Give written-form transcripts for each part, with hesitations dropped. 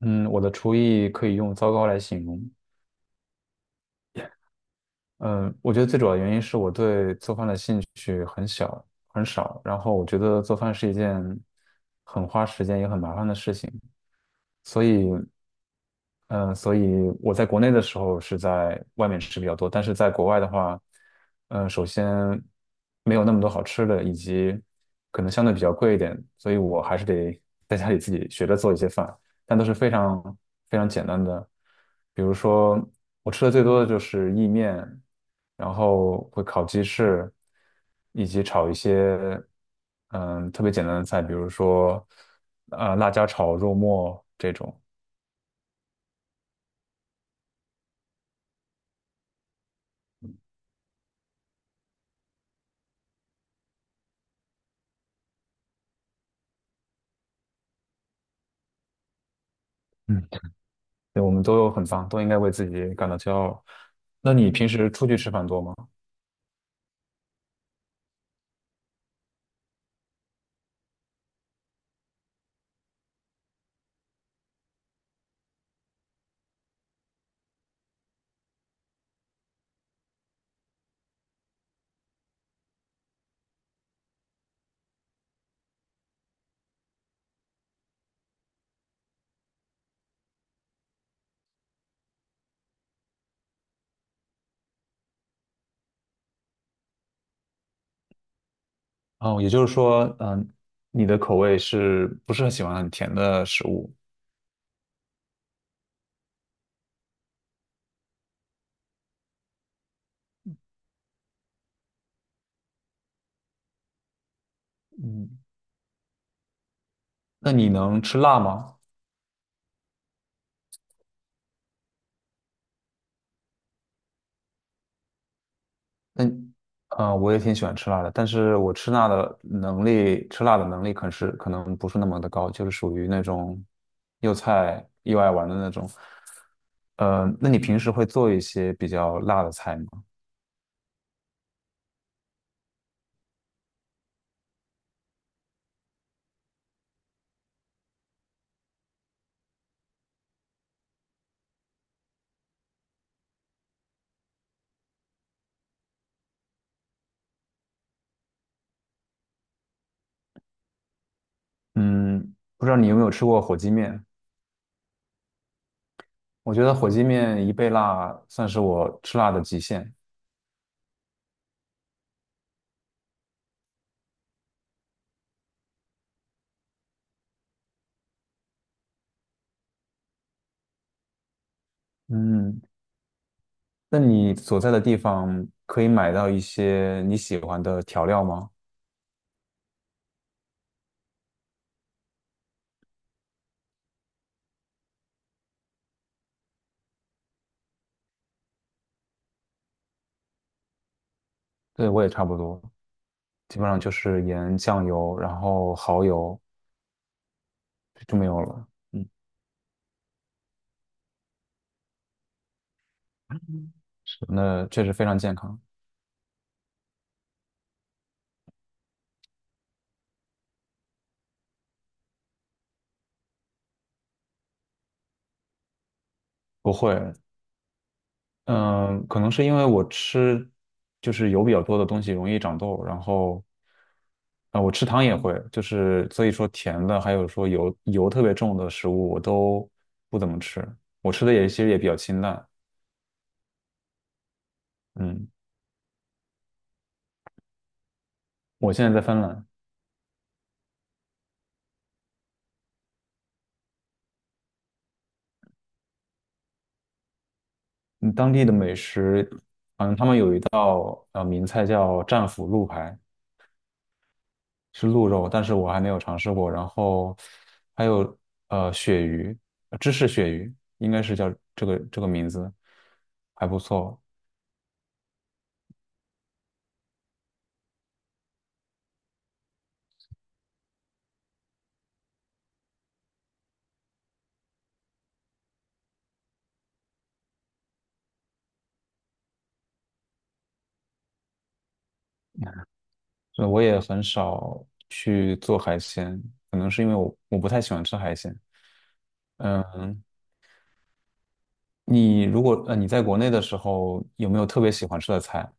嗯，我的厨艺可以用糟糕来形容。嗯，我觉得最主要的原因是我对做饭的兴趣很小很少，然后我觉得做饭是一件很花时间也很麻烦的事情，所以，嗯，所以我在国内的时候是在外面吃比较多，但是在国外的话，首先没有那么多好吃的，以及可能相对比较贵一点，所以我还是得在家里自己学着做一些饭。但都是非常非常简单的。比如说，我吃的最多的就是意面，然后会烤鸡翅，以及炒一些特别简单的菜，比如说辣椒炒肉末这种。嗯，对我们都很脏，都应该为自己感到骄傲。那你平时出去吃饭多吗？哦，也就是说，你的口味是不是很喜欢很甜的食物？嗯，那你能吃辣吗？嗯，我也挺喜欢吃辣的，但是我吃辣的能力可能不是那么的高，就是属于那种又菜又爱玩的那种。那你平时会做一些比较辣的菜吗？嗯，不知道你有没有吃过火鸡面？我觉得火鸡面一倍辣算是我吃辣的极限。嗯，那你所在的地方可以买到一些你喜欢的调料吗？对，我也差不多。基本上就是盐、酱油，然后蚝油就没有了。嗯，那确实非常健康。不会，嗯，可能是因为我吃就是油比较多的东西容易长痘，然后啊，我吃糖也会，就是所以说甜的，还有说油特别重的食物我都不怎么吃，我吃的也其实也比较清淡。嗯，我现在在芬兰，嗯当地的美食名菜叫战斧鹿排，是鹿肉，但是我还没有尝试过。然后还有鳕鱼，芝士鳕鱼应该是叫这个名字，还不错。我也很少去做海鲜，可能是因为我不太喜欢吃海鲜。嗯，你如果呃你在国内的时候有没有特别喜欢吃的菜？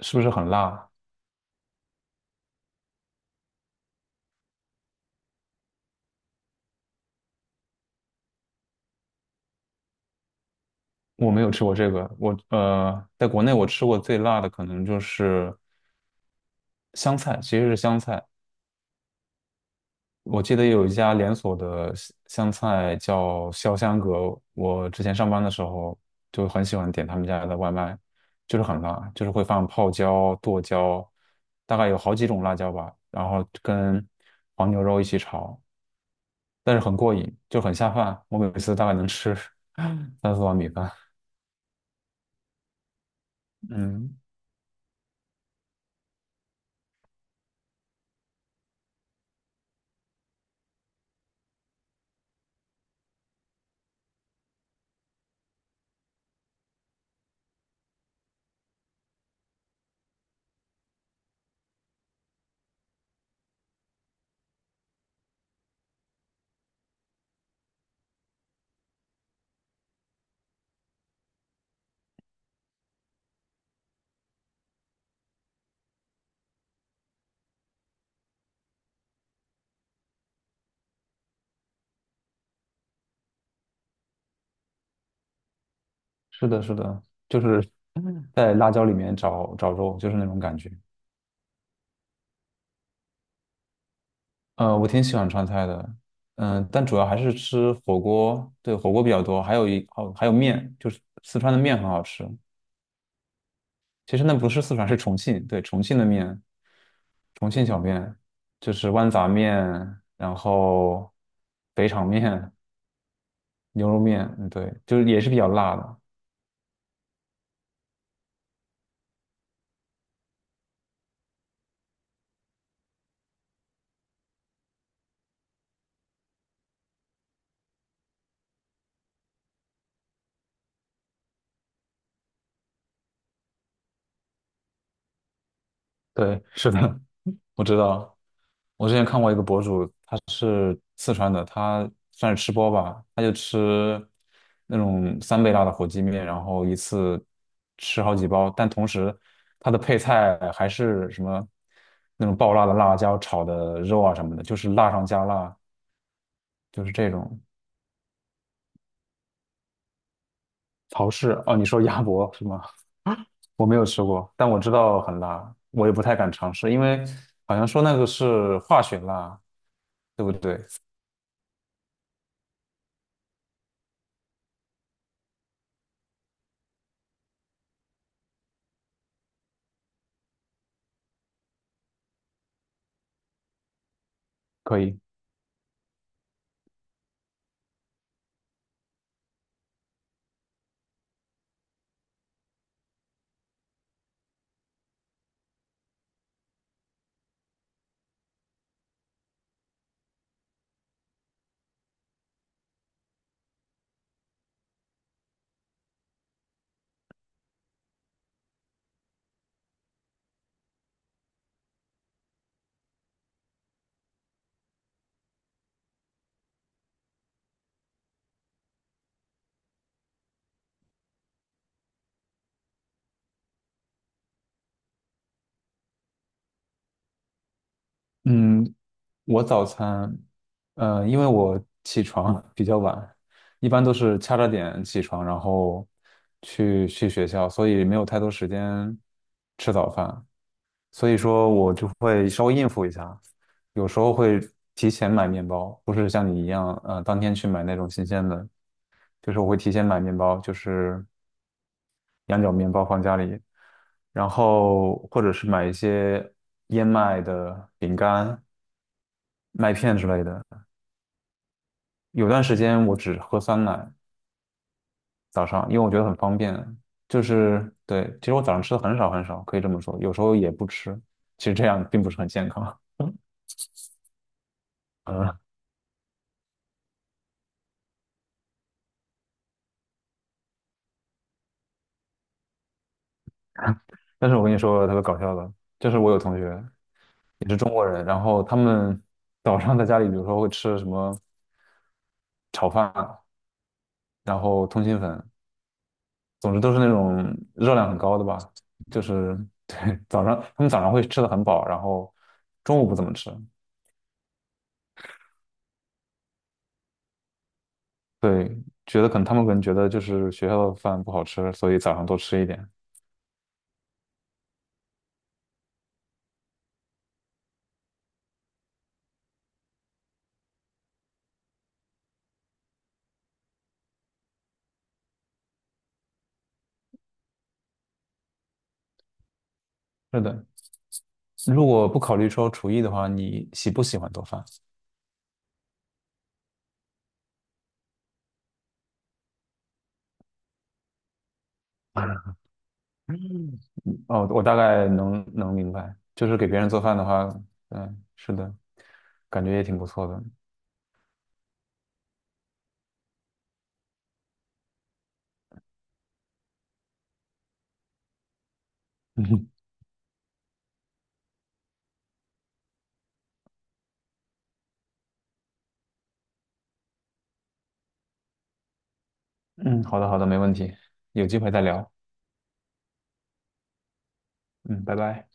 是不是很辣？我没有吃过这个，我在国内我吃过最辣的可能就是香菜，其实是香菜。我记得有一家连锁的湘菜叫潇湘阁，我之前上班的时候就很喜欢点他们家的外卖，就是很辣，就是会放泡椒、剁椒，大概有好几种辣椒吧，然后跟黄牛肉一起炒，但是很过瘾，就很下饭。我每次大概能吃 三四碗米饭。嗯，是的，是的，就是在辣椒里面找找肉，就是那种感觉。我挺喜欢川菜的，但主要还是吃火锅，对，火锅比较多，还有面，就是四川的面很好吃。其实那不是四川，是重庆，对，重庆的面，重庆小面，就是豌杂面，然后肥肠面、牛肉面，嗯，对，就是也是比较辣的。对，是的，我知道，我之前看过一个博主，他是四川的，他算是吃播吧，他就吃那种三倍辣的火鸡面，然后一次吃好几包，但同时他的配菜还是什么那种爆辣的辣椒炒的肉啊什么的，就是辣上加辣，就是这种曹氏。哦，你说鸭脖是吗？我没有吃过，但我知道很辣，我也不太敢尝试，因为好像说那个是化学辣，对不对？可以。嗯，我早餐，因为我起床 比较晚，一般都是掐着点起床，然后去学校，所以没有太多时间吃早饭，所以说我就会稍微应付一下，有时候会提前买面包，不是像你一样，当天去买那种新鲜的，就是我会提前买面包，就是羊角面包放家里，然后或者是买一些燕麦的饼干、麦片之类的。有段时间我只喝酸奶，早上，因为我觉得很方便。就是对，其实我早上吃的很少很少，可以这么说，有时候也不吃。其实这样并不是很健康。嗯，但是我跟你说特别搞笑的，就是我有同学也是中国人，然后他们早上在家里，比如说会吃什么炒饭，然后通心粉，总之都是那种热量很高的吧。就是对，早上他们早上会吃的很饱，然后中午不怎么吃，对，觉得可能他们可能觉得就是学校的饭不好吃，所以早上多吃一点。是的，如果不考虑说厨艺的话，你喜不喜欢做饭？哦，我大概能明白，就是给别人做饭的话，嗯，是的，感觉也挺不错的。嗯，好的，好的，没问题，有机会再聊。嗯，拜拜。